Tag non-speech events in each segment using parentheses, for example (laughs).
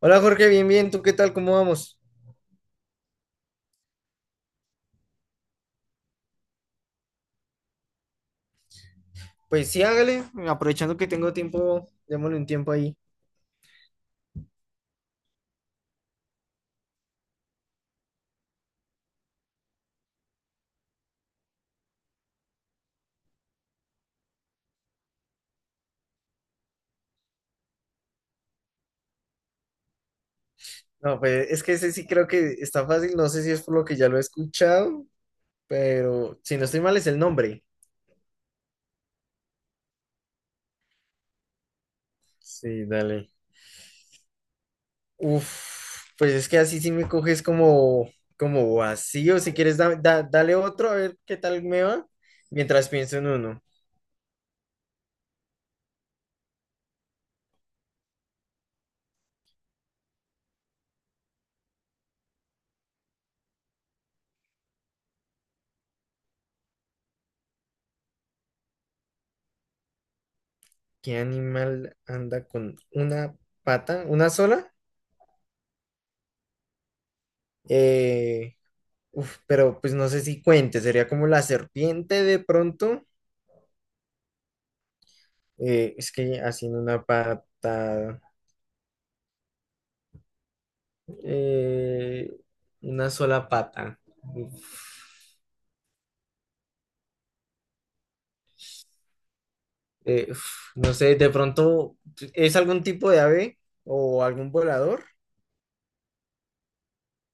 Hola Jorge, bien, bien, ¿tú qué tal? ¿Cómo vamos? Pues sí, hágale, aprovechando que tengo tiempo, démosle un tiempo ahí. No, pues es que ese sí creo que está fácil, no sé si es por lo que ya lo he escuchado, pero si no estoy mal es el nombre. Sí, dale. Uf, pues es que así sí me coges como, como vacío, si quieres dale otro, a ver qué tal me va, mientras pienso en uno. ¿Qué animal anda con una pata, una sola? Eh, Uf, pero pues no sé si cuente, sería como la serpiente de pronto. Es que haciendo una pata, eh, una sola pata. Uf, uf, no sé, de pronto, ¿es algún tipo de ave o algún volador?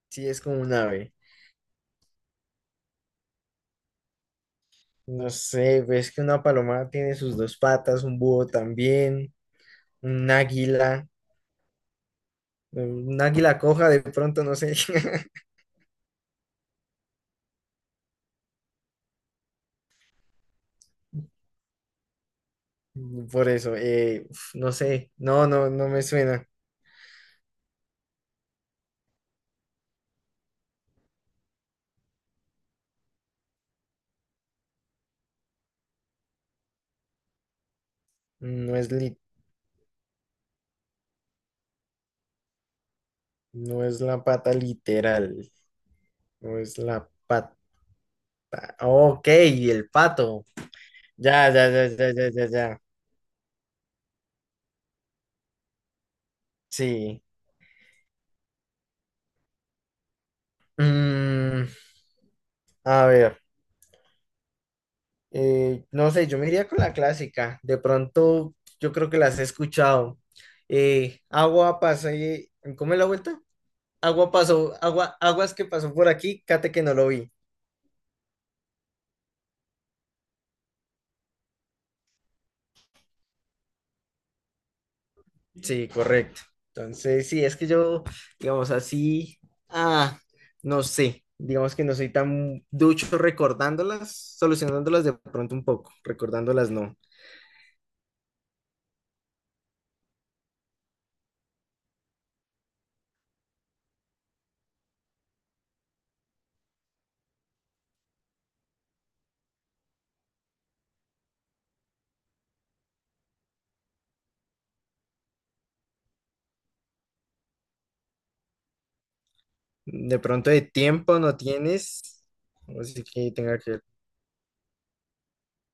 Sí, es como un ave. No sé, ves que una paloma tiene sus dos patas, un búho también, un águila, un águila coja de pronto, no sé. (laughs) Por eso, uf, no sé, no, no, no me suena. No es li- no es la pata literal, no es la pata. Ok, el pato. Ya, ya, ya, ya, ya, ya, ya. Sí. Mm, a ver, no sé, yo me iría con la clásica. De pronto, yo creo que las he escuchado. Agua pasa y... ¿Cómo es la vuelta? Agua pasó, agua, aguas que pasó por aquí, cate que no lo vi. Sí, correcto. Entonces, sí, es que yo, digamos así, ah, no sé, digamos que no soy tan ducho recordándolas, solucionándolas de pronto un poco, recordándolas no. De pronto de tiempo no tienes, así que tenga que ver.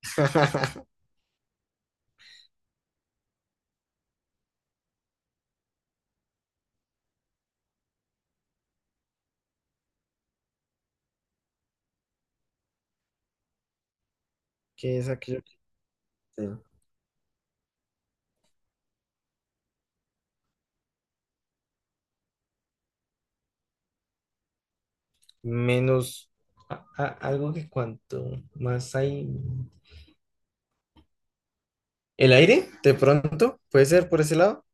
(laughs) ¿Qué es aquello que te- menos algo que cuanto más hay? ¿El aire? De pronto, puede ser por ese lado.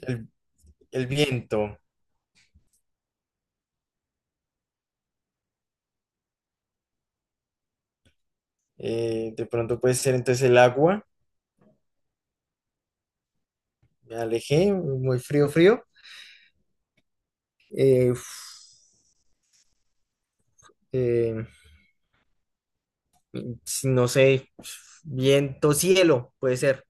El, el viento, de pronto puede ser entonces el agua. Me alejé, muy frío, frío. Uf, eh, si no sé, viento, cielo, puede ser.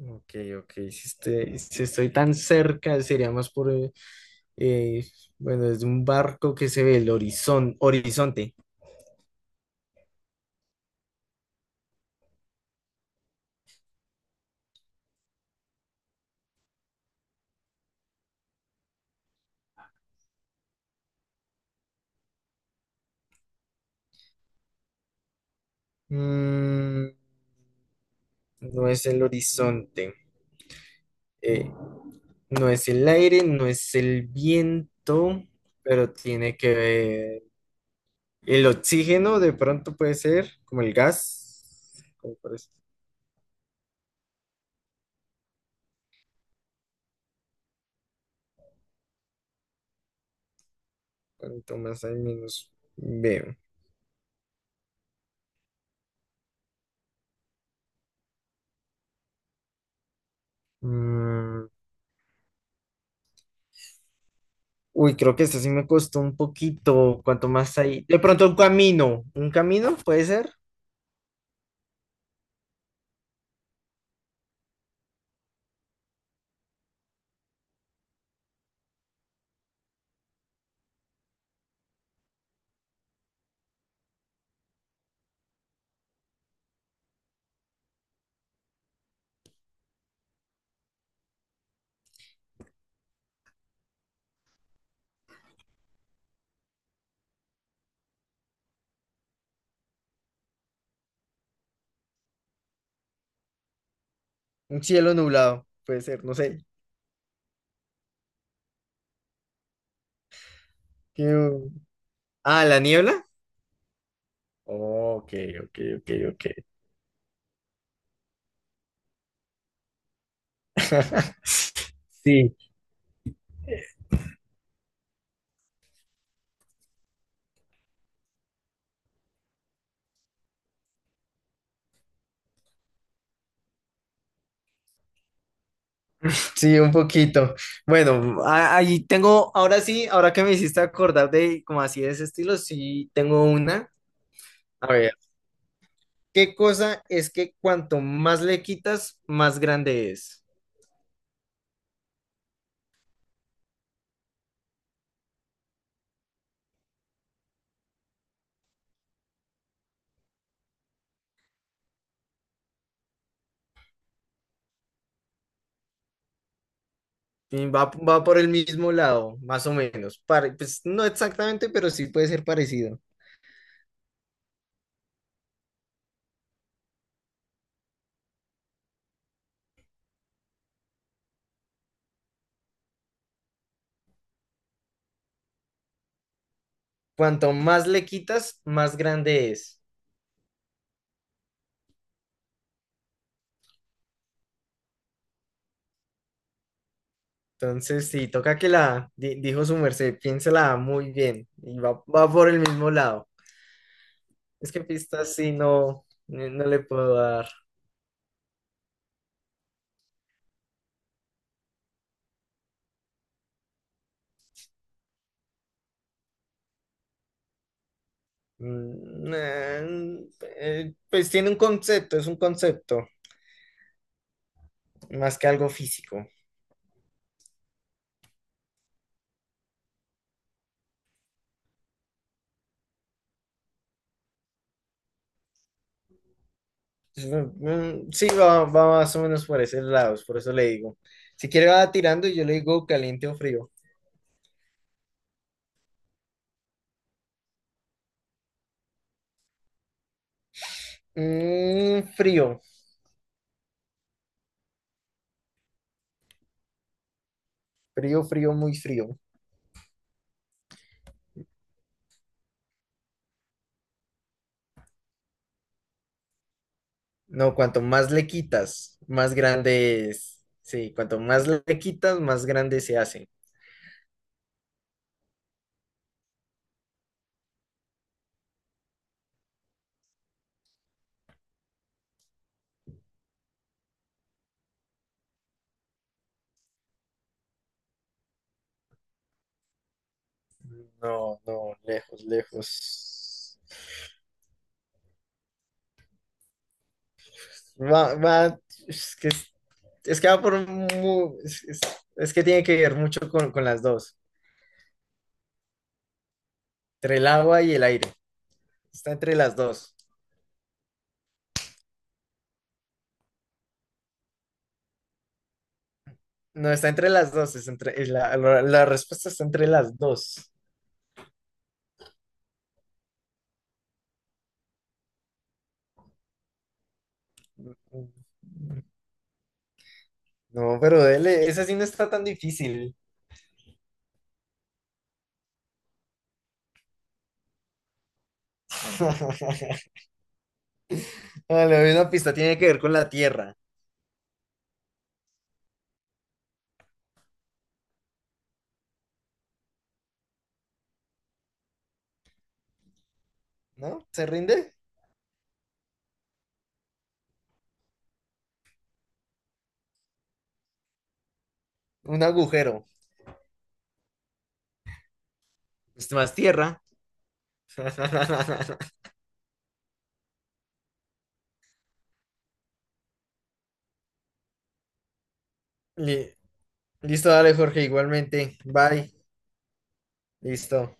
Ok, ok, si, si estoy tan cerca, sería más por, eh, bueno, es un barco que se ve el horizonte. Mm, no es el horizonte, eh, no es el aire, no es el viento, pero tiene que ver el oxígeno, de pronto puede ser, como el gas, como por eso. Cuanto más hay, menos veo. Mm, uy, creo que esta sí me costó un poquito. Cuanto más hay. De pronto un camino. ¿Un camino? ¿Puede ser? Un cielo nublado. Puede ser, no sé. ¿Qué- Ah, la niebla. Ok, ok, ok, ok. Sí, sí, un poquito. Bueno, ahí tengo, ahora sí, ahora que me hiciste acordar de como así de ese estilo, sí tengo una. A ver, ¿qué cosa es que cuanto más le quitas, más grande es? Y va, va por el mismo lado, más o menos. Pues no exactamente, pero sí puede ser parecido. Cuanto más le quitas, más grande es. Entonces, sí, toca que la, dijo su merced, piénsela muy bien. Y va, va por el mismo lado. Es que pistas sí no, no le puedo dar. Mm, pues tiene un concepto, es un concepto, más que algo físico. Mm, sí, va, va más o menos por esos lados, por eso le digo. Si quiere va tirando y yo le digo caliente o frío. Mm, frío, frío, frío, muy frío. No, cuanto más le quitas, más grande es. Sí, cuanto más le quitas, más grande se hace. No, no, lejos, lejos. Va, va, es que, es que va por es, es que tiene que ver mucho con las dos, entre el agua y el aire. Está entre las dos. No, está entre las dos, es entre, la, la respuesta está entre las dos. No, pero dele, esa sí no está tan difícil. (laughs) Vale, le doy una pista, tiene que ver con la tierra, ¿no? ¿Se rinde? Un agujero. Es más tierra. (laughs) Li- Listo, dale, Jorge, igualmente. Bye. Listo.